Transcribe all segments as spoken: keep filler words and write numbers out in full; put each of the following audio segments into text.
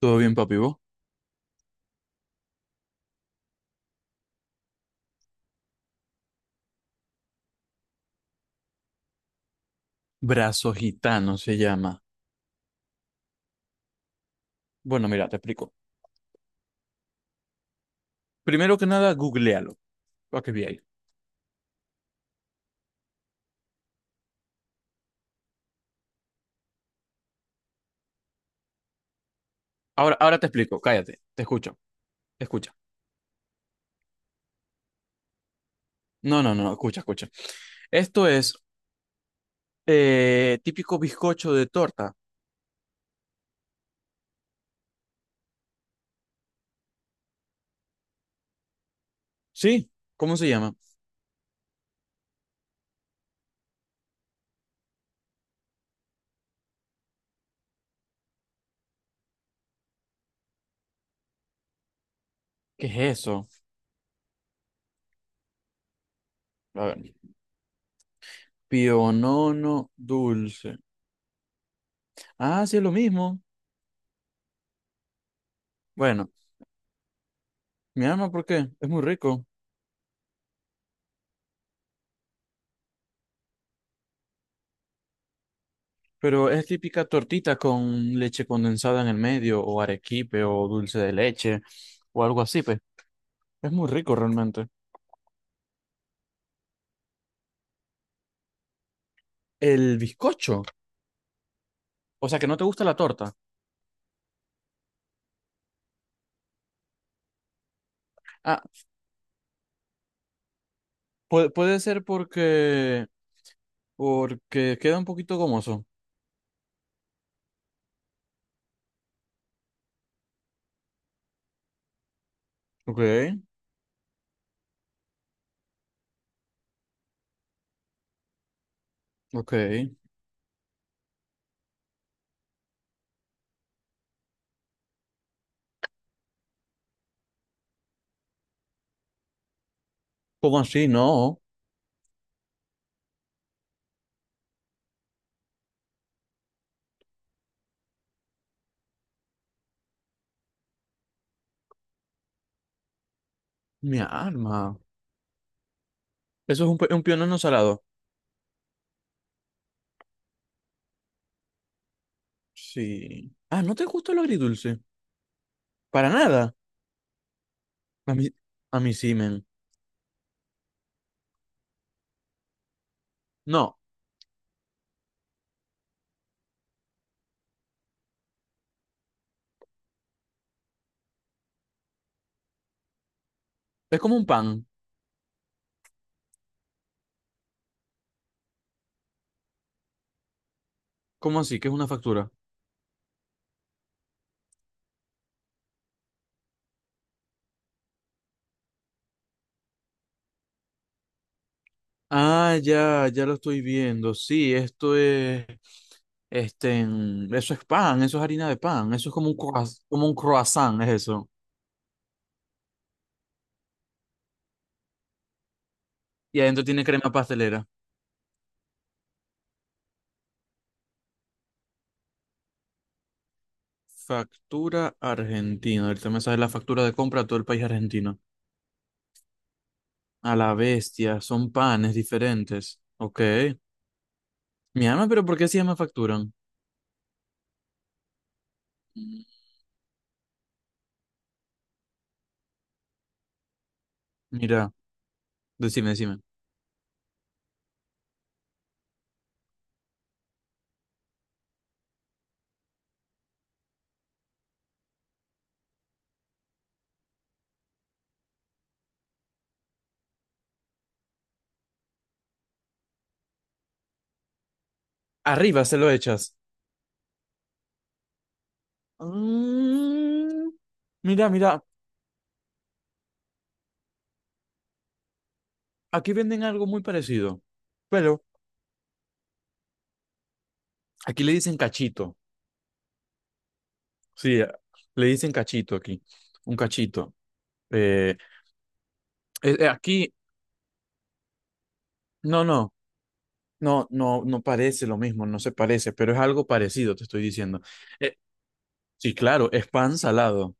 Todo bien, papi, vos. Brazo gitano se llama. Bueno, mira, te explico. Primero que nada, googlealo. Para que veáis. Ahora, ahora te explico. Cállate. Te escucho. Escucha. No, no, no. Escucha, escucha. Esto es eh, típico bizcocho de torta. ¿Sí? ¿Cómo se llama? ¿Qué es eso? A ver. Pionono dulce. Ah, sí, es lo mismo. Bueno, mi alma, ¿por qué? Es muy rico. Pero es típica tortita con leche condensada en el medio, o arequipe, o dulce de leche, o algo así, pues. Es muy rico realmente. El bizcocho. O sea, que no te gusta la torta. Ah, puede, puede ser porque, porque queda un poquito gomoso. Ok, ok. ¿Cómo así? No. Mi alma. Eso es un, pe- un pionono salado. Sí. Ah, ¿no te gusta lo agridulce? Para nada. A mí, a mí sí, men. No. Es como un pan. ¿Cómo así? ¿Que es una factura? Ah, ya, ya lo estoy viendo. Sí, esto es, este, en- eso es pan, eso es harina de pan, eso es como un croissant, como un croissant, es eso. Y adentro tiene crema pastelera. Factura argentina. Ahorita me sale la factura de compra a todo el país argentino. A la bestia, son panes diferentes. Ok. Mi alma, pero ¿por qué se llama facturan? Mira, decime, decime. Arriba se lo echas. Mm, mira, mira, aquí venden algo muy parecido. Pero aquí le dicen cachito. Sí, eh, le dicen cachito aquí. Un cachito. Eh, eh, eh, aquí, no, no, no, no, no parece lo mismo, no se parece, pero es algo parecido, te estoy diciendo. Eh, sí, claro, es pan salado.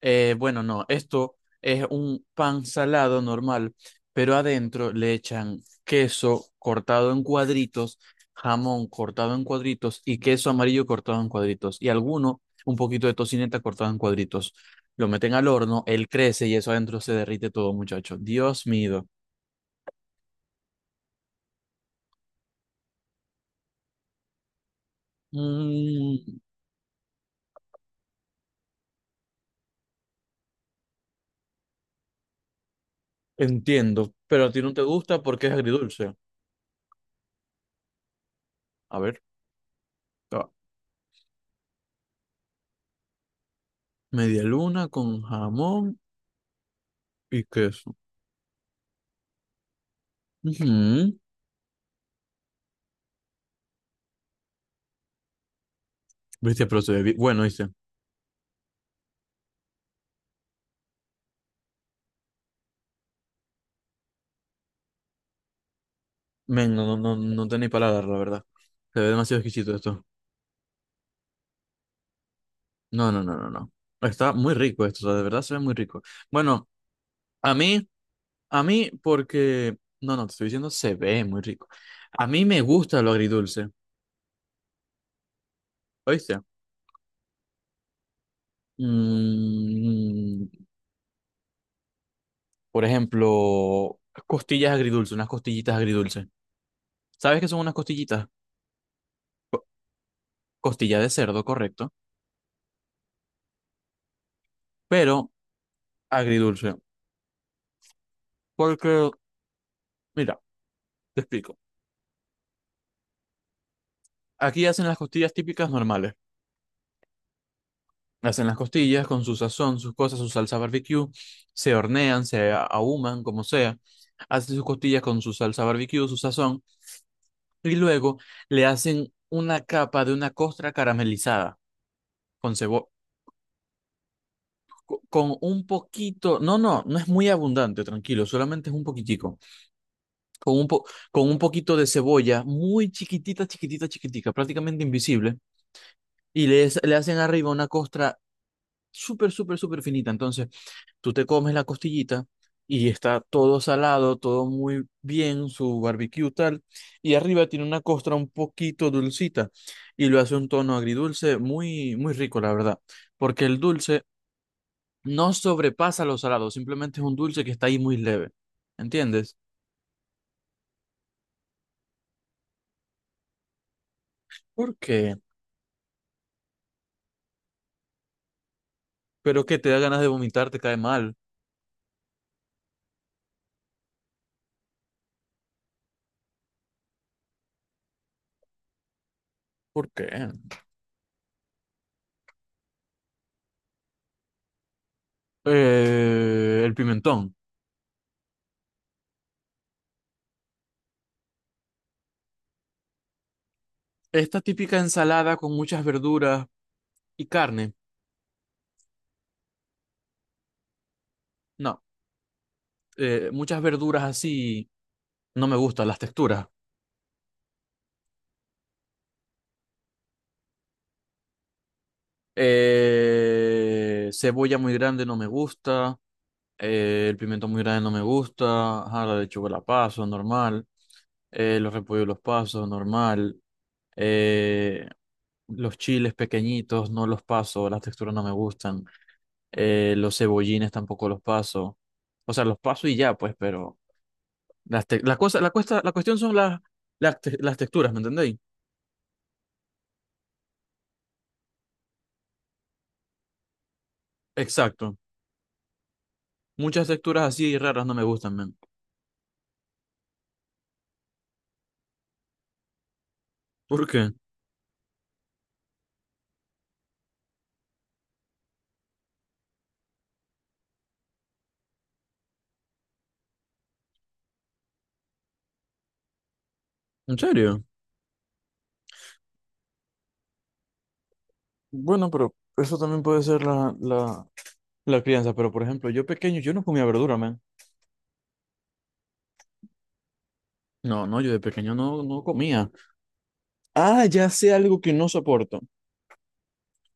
Eh, bueno, no, esto es un pan salado normal, pero adentro le echan queso cortado en cuadritos, jamón cortado en cuadritos y queso amarillo cortado en cuadritos. Y alguno, un poquito de tocineta cortado en cuadritos. Lo meten al horno, él crece y eso adentro se derrite todo, muchacho. Dios mío. Mm, entiendo, pero a ti no te gusta porque es agridulce. A ver, ah, media luna con jamón y queso. Ujú. Viste, pero se ve bien. Bueno, dice. Men, no, no, no, no tenéis palabras, la verdad. Se ve demasiado exquisito esto. No, no, no, no, no. Está muy rico esto, o sea, de verdad se ve muy rico. Bueno, a mí, a mí, porque. No, no, te estoy diciendo, se ve muy rico. A mí me gusta lo agridulce, ¿oíste? Mm, por ejemplo, costillas agridulce, unas costillitas agridulce. ¿Sabes qué son unas costillitas? Co- Costilla de cerdo, correcto. Pero agridulce. Porque, mira, te explico. Aquí hacen las costillas típicas normales. Hacen las costillas con su sazón, sus cosas, su salsa barbecue, se hornean, se a- ahuman, como sea. Hacen sus costillas con su salsa barbecue, su sazón, y luego le hacen una capa de una costra caramelizada con cebo- co- con un poquito, no, no, no es muy abundante, tranquilo, solamente es un poquitico, con un po- con un poquito de cebolla muy chiquitita, chiquitita, chiquitica, prácticamente invisible, y le, le hacen arriba una costra súper, súper, súper finita. Entonces, tú te comes la costillita y está todo salado, todo muy bien, su barbecue tal, y arriba tiene una costra un poquito dulcita y lo hace un tono agridulce muy, muy rico, la verdad, porque el dulce no sobrepasa lo salado, simplemente es un dulce que está ahí muy leve, ¿entiendes? ¿Por qué? Pero que te da ganas de vomitar, te cae mal. ¿Por qué? Eh, el pimentón. Esta típica ensalada con muchas verduras y carne. No. Eh, muchas verduras así no me gustan las texturas. Eh, cebolla muy grande no me gusta. Eh, el pimiento muy grande no me gusta. Ajá, la lechuga la paso, normal. Eh, los repollos los paso, normal. eh, los chiles pequeñitos no los paso, las texturas no me gustan. Eh, los cebollines tampoco los paso. O sea, los paso y ya, pues, pero las, te- las cosas, la, cuesta, la cuestión son las, las, te- las texturas, ¿me entendéis? Exacto. Muchas texturas así raras no me gustan, men. ¿Por qué? ¿En serio? Bueno, pero eso también puede ser la, la, La crianza, pero por ejemplo, yo pequeño, yo no comía verdura, man. No, no, yo de pequeño no, no comía. Ah, ya sé algo que no soporto,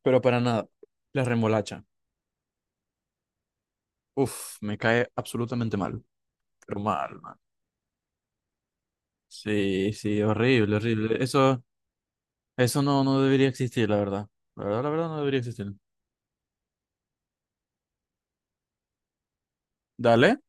pero para nada. La remolacha. Uf, me cae absolutamente mal. Pero mal, man. Sí, sí, horrible, horrible. Eso, eso no, no debería existir, la verdad. La verdad, la verdad no debería existir. Dale.